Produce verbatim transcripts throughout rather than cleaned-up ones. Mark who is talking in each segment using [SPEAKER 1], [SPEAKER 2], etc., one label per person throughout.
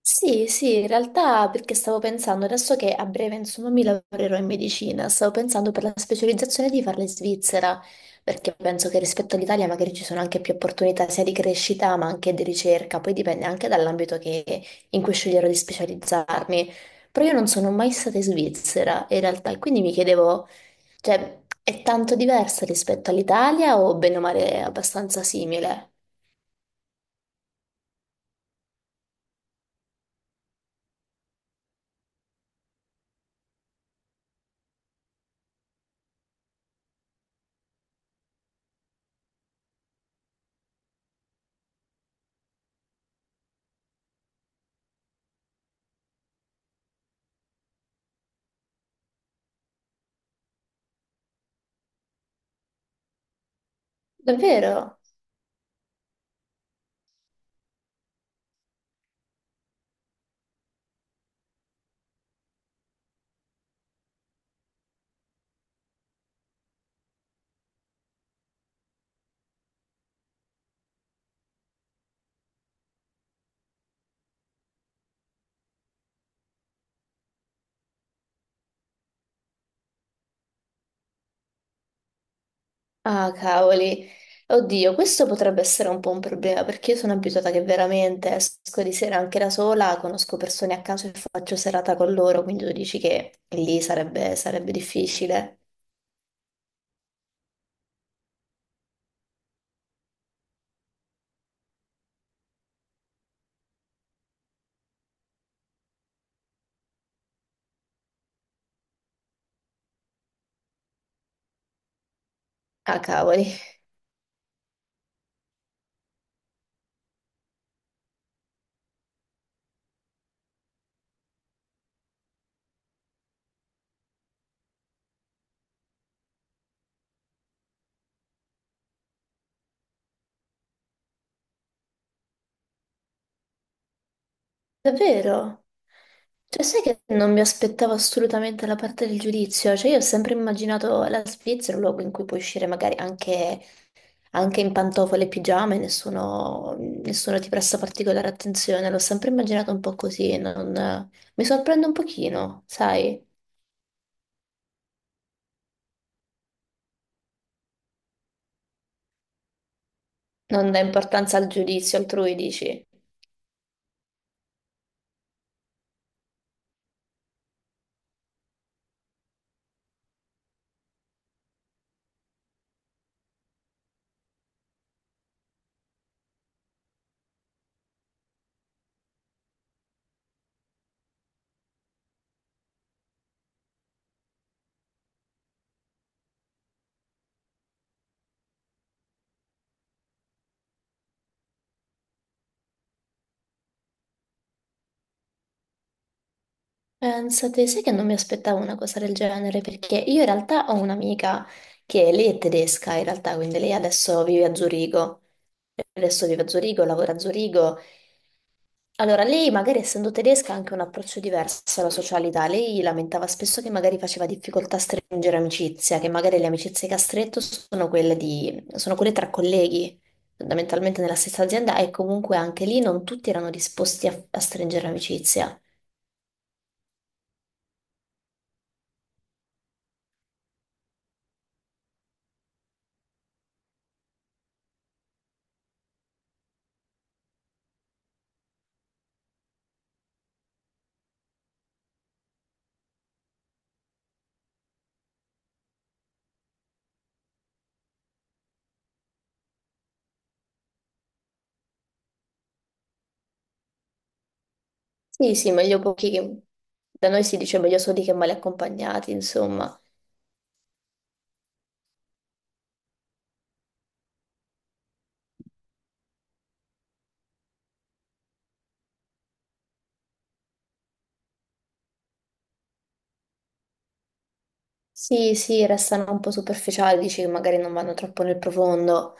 [SPEAKER 1] Sì, sì, in realtà perché stavo pensando, adesso che a breve insomma mi lavorerò in medicina, stavo pensando per la specializzazione di farla in Svizzera, perché penso che rispetto all'Italia magari ci sono anche più opportunità sia di crescita ma anche di ricerca, poi dipende anche dall'ambito che- in cui sceglierò di specializzarmi. Però io non sono mai stata in Svizzera in realtà, e quindi mi chiedevo, cioè, è tanto diversa rispetto all'Italia o bene o male è abbastanza simile? Davvero? Ah, cavoli. Oddio, questo potrebbe essere un po' un problema perché io sono abituata che veramente esco di sera anche da sola, conosco persone a caso e faccio serata con loro, quindi tu dici che lì sarebbe, sarebbe difficile. Ah, cavoli. Davvero? Cioè, sai che non mi aspettavo assolutamente la parte del giudizio? Cioè, io ho sempre immaginato la Svizzera un luogo in cui puoi uscire magari anche anche in pantofole e pigiama e nessuno, nessuno ti presta particolare attenzione. L'ho sempre immaginato un po' così, non- mi sorprende un pochino, sai? Non dà importanza al giudizio altrui, dici. Pensate, sai che non mi aspettavo una cosa del genere, perché io in realtà ho un'amica che lei è tedesca, in realtà, quindi lei adesso vive a Zurigo. Adesso vive a Zurigo, lavora a Zurigo. Allora, lei magari essendo tedesca ha anche un approccio diverso alla socialità. Lei lamentava spesso che magari faceva difficoltà a stringere amicizia, che magari le amicizie che ha stretto sono quelle di, sono quelle tra colleghi, fondamentalmente nella stessa azienda, e comunque anche lì non tutti erano disposti a, a stringere amicizia. Sì, sì, meglio pochi che... Da noi si dice meglio soli che male accompagnati, insomma. Sì, sì, restano un po' superficiali, dici che magari non vanno troppo nel profondo.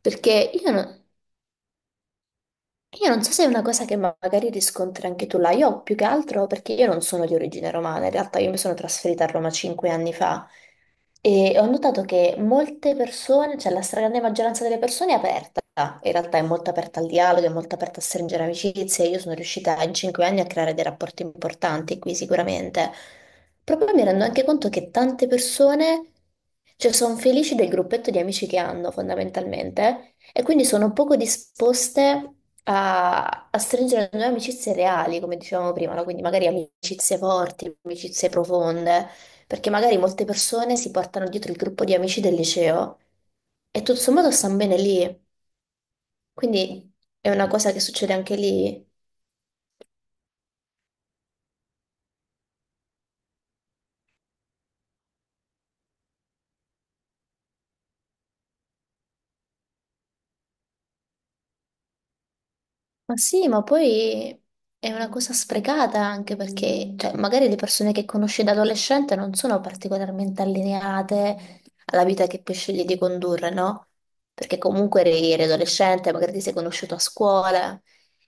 [SPEAKER 1] Perché io no- Io non so se è una cosa che ma- magari riscontri anche tu là, io più che altro perché io non sono di origine romana, in realtà io mi sono trasferita a Roma cinque anni fa e ho notato che molte persone, cioè la stragrande maggioranza delle persone è aperta, in realtà è molto aperta al dialogo, è molto aperta a stringere amicizie, io sono riuscita in cinque anni a creare dei rapporti importanti qui sicuramente, proprio mi rendo anche conto che tante persone, cioè sono felici del gruppetto di amici che hanno fondamentalmente. E quindi sono poco disposte a, a stringere nuove amicizie reali, come dicevamo prima, no? Quindi magari amicizie forti, amicizie profonde, perché magari molte persone si portano dietro il gruppo di amici del liceo e tutto sommato stanno bene lì. Quindi è una cosa che succede anche lì. Ma sì, ma poi è una cosa sprecata anche perché, cioè, magari le persone che conosci da adolescente non sono particolarmente allineate alla vita che poi scegli di condurre, no? Perché comunque eri, eri adolescente, magari ti sei conosciuto a scuola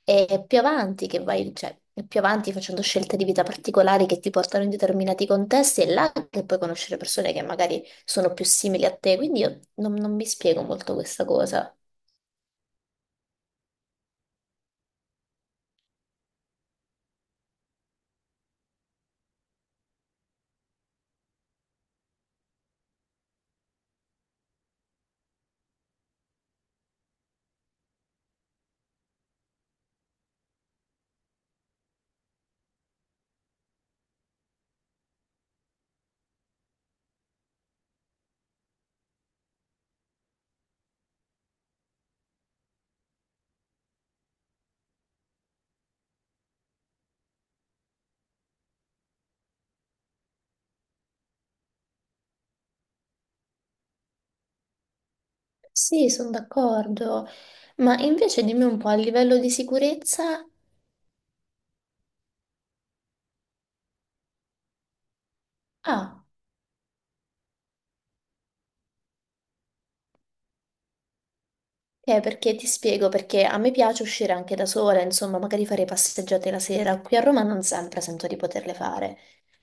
[SPEAKER 1] e è più avanti che vai, cioè, è più avanti facendo scelte di vita particolari che ti portano in determinati contesti è là che puoi conoscere persone che magari sono più simili a te, quindi io non non mi spiego molto questa cosa. Sì, sono d'accordo, ma invece dimmi un po' a livello di sicurezza. Ah, ok, perché ti spiego, perché a me piace uscire anche da sola, insomma, magari fare passeggiate la sera, qui a Roma non sempre sento di poterle fare,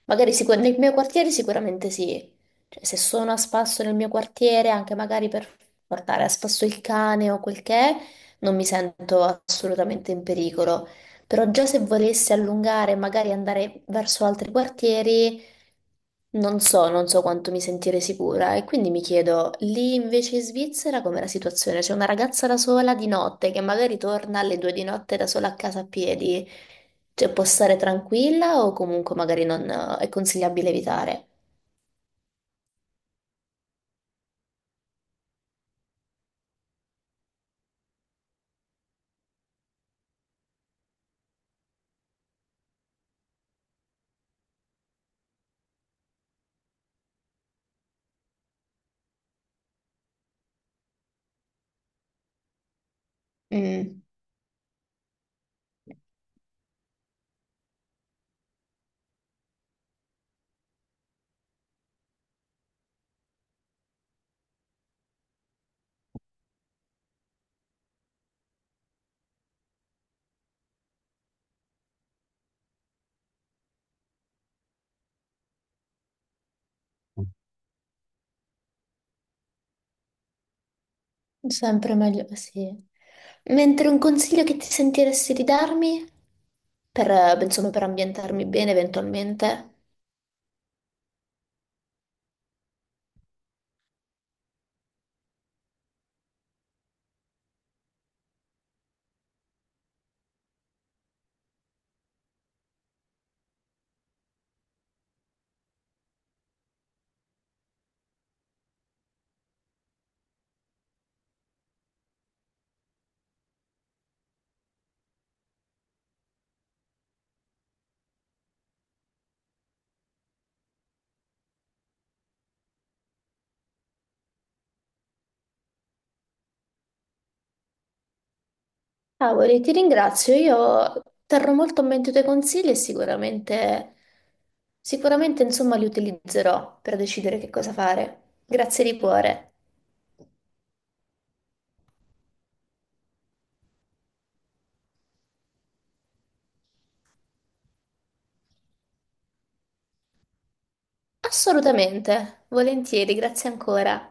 [SPEAKER 1] magari sicur- nel mio quartiere sicuramente sì. Cioè, se sono a spasso nel mio quartiere, anche magari per portare a spasso il cane o quel che è, non mi sento assolutamente in pericolo, però già se volessi allungare e magari andare verso altri quartieri... Non so, non so quanto mi sentirei sicura e quindi mi chiedo, lì invece in Svizzera com'è la situazione? C'è una ragazza da sola di notte che magari torna alle due di notte da sola a casa a piedi, cioè può stare tranquilla o comunque magari non eh, è consigliabile evitare? Mm, sempre meglio, sì. Mentre un consiglio che ti sentiresti di darmi per, eh, insomma, per ambientarmi bene eventualmente? Cavoli, ti ringrazio. Io terrò molto a mente i tuoi consigli e sicuramente, sicuramente, insomma, li utilizzerò per decidere che cosa fare. Grazie di cuore. Assolutamente, volentieri, grazie ancora.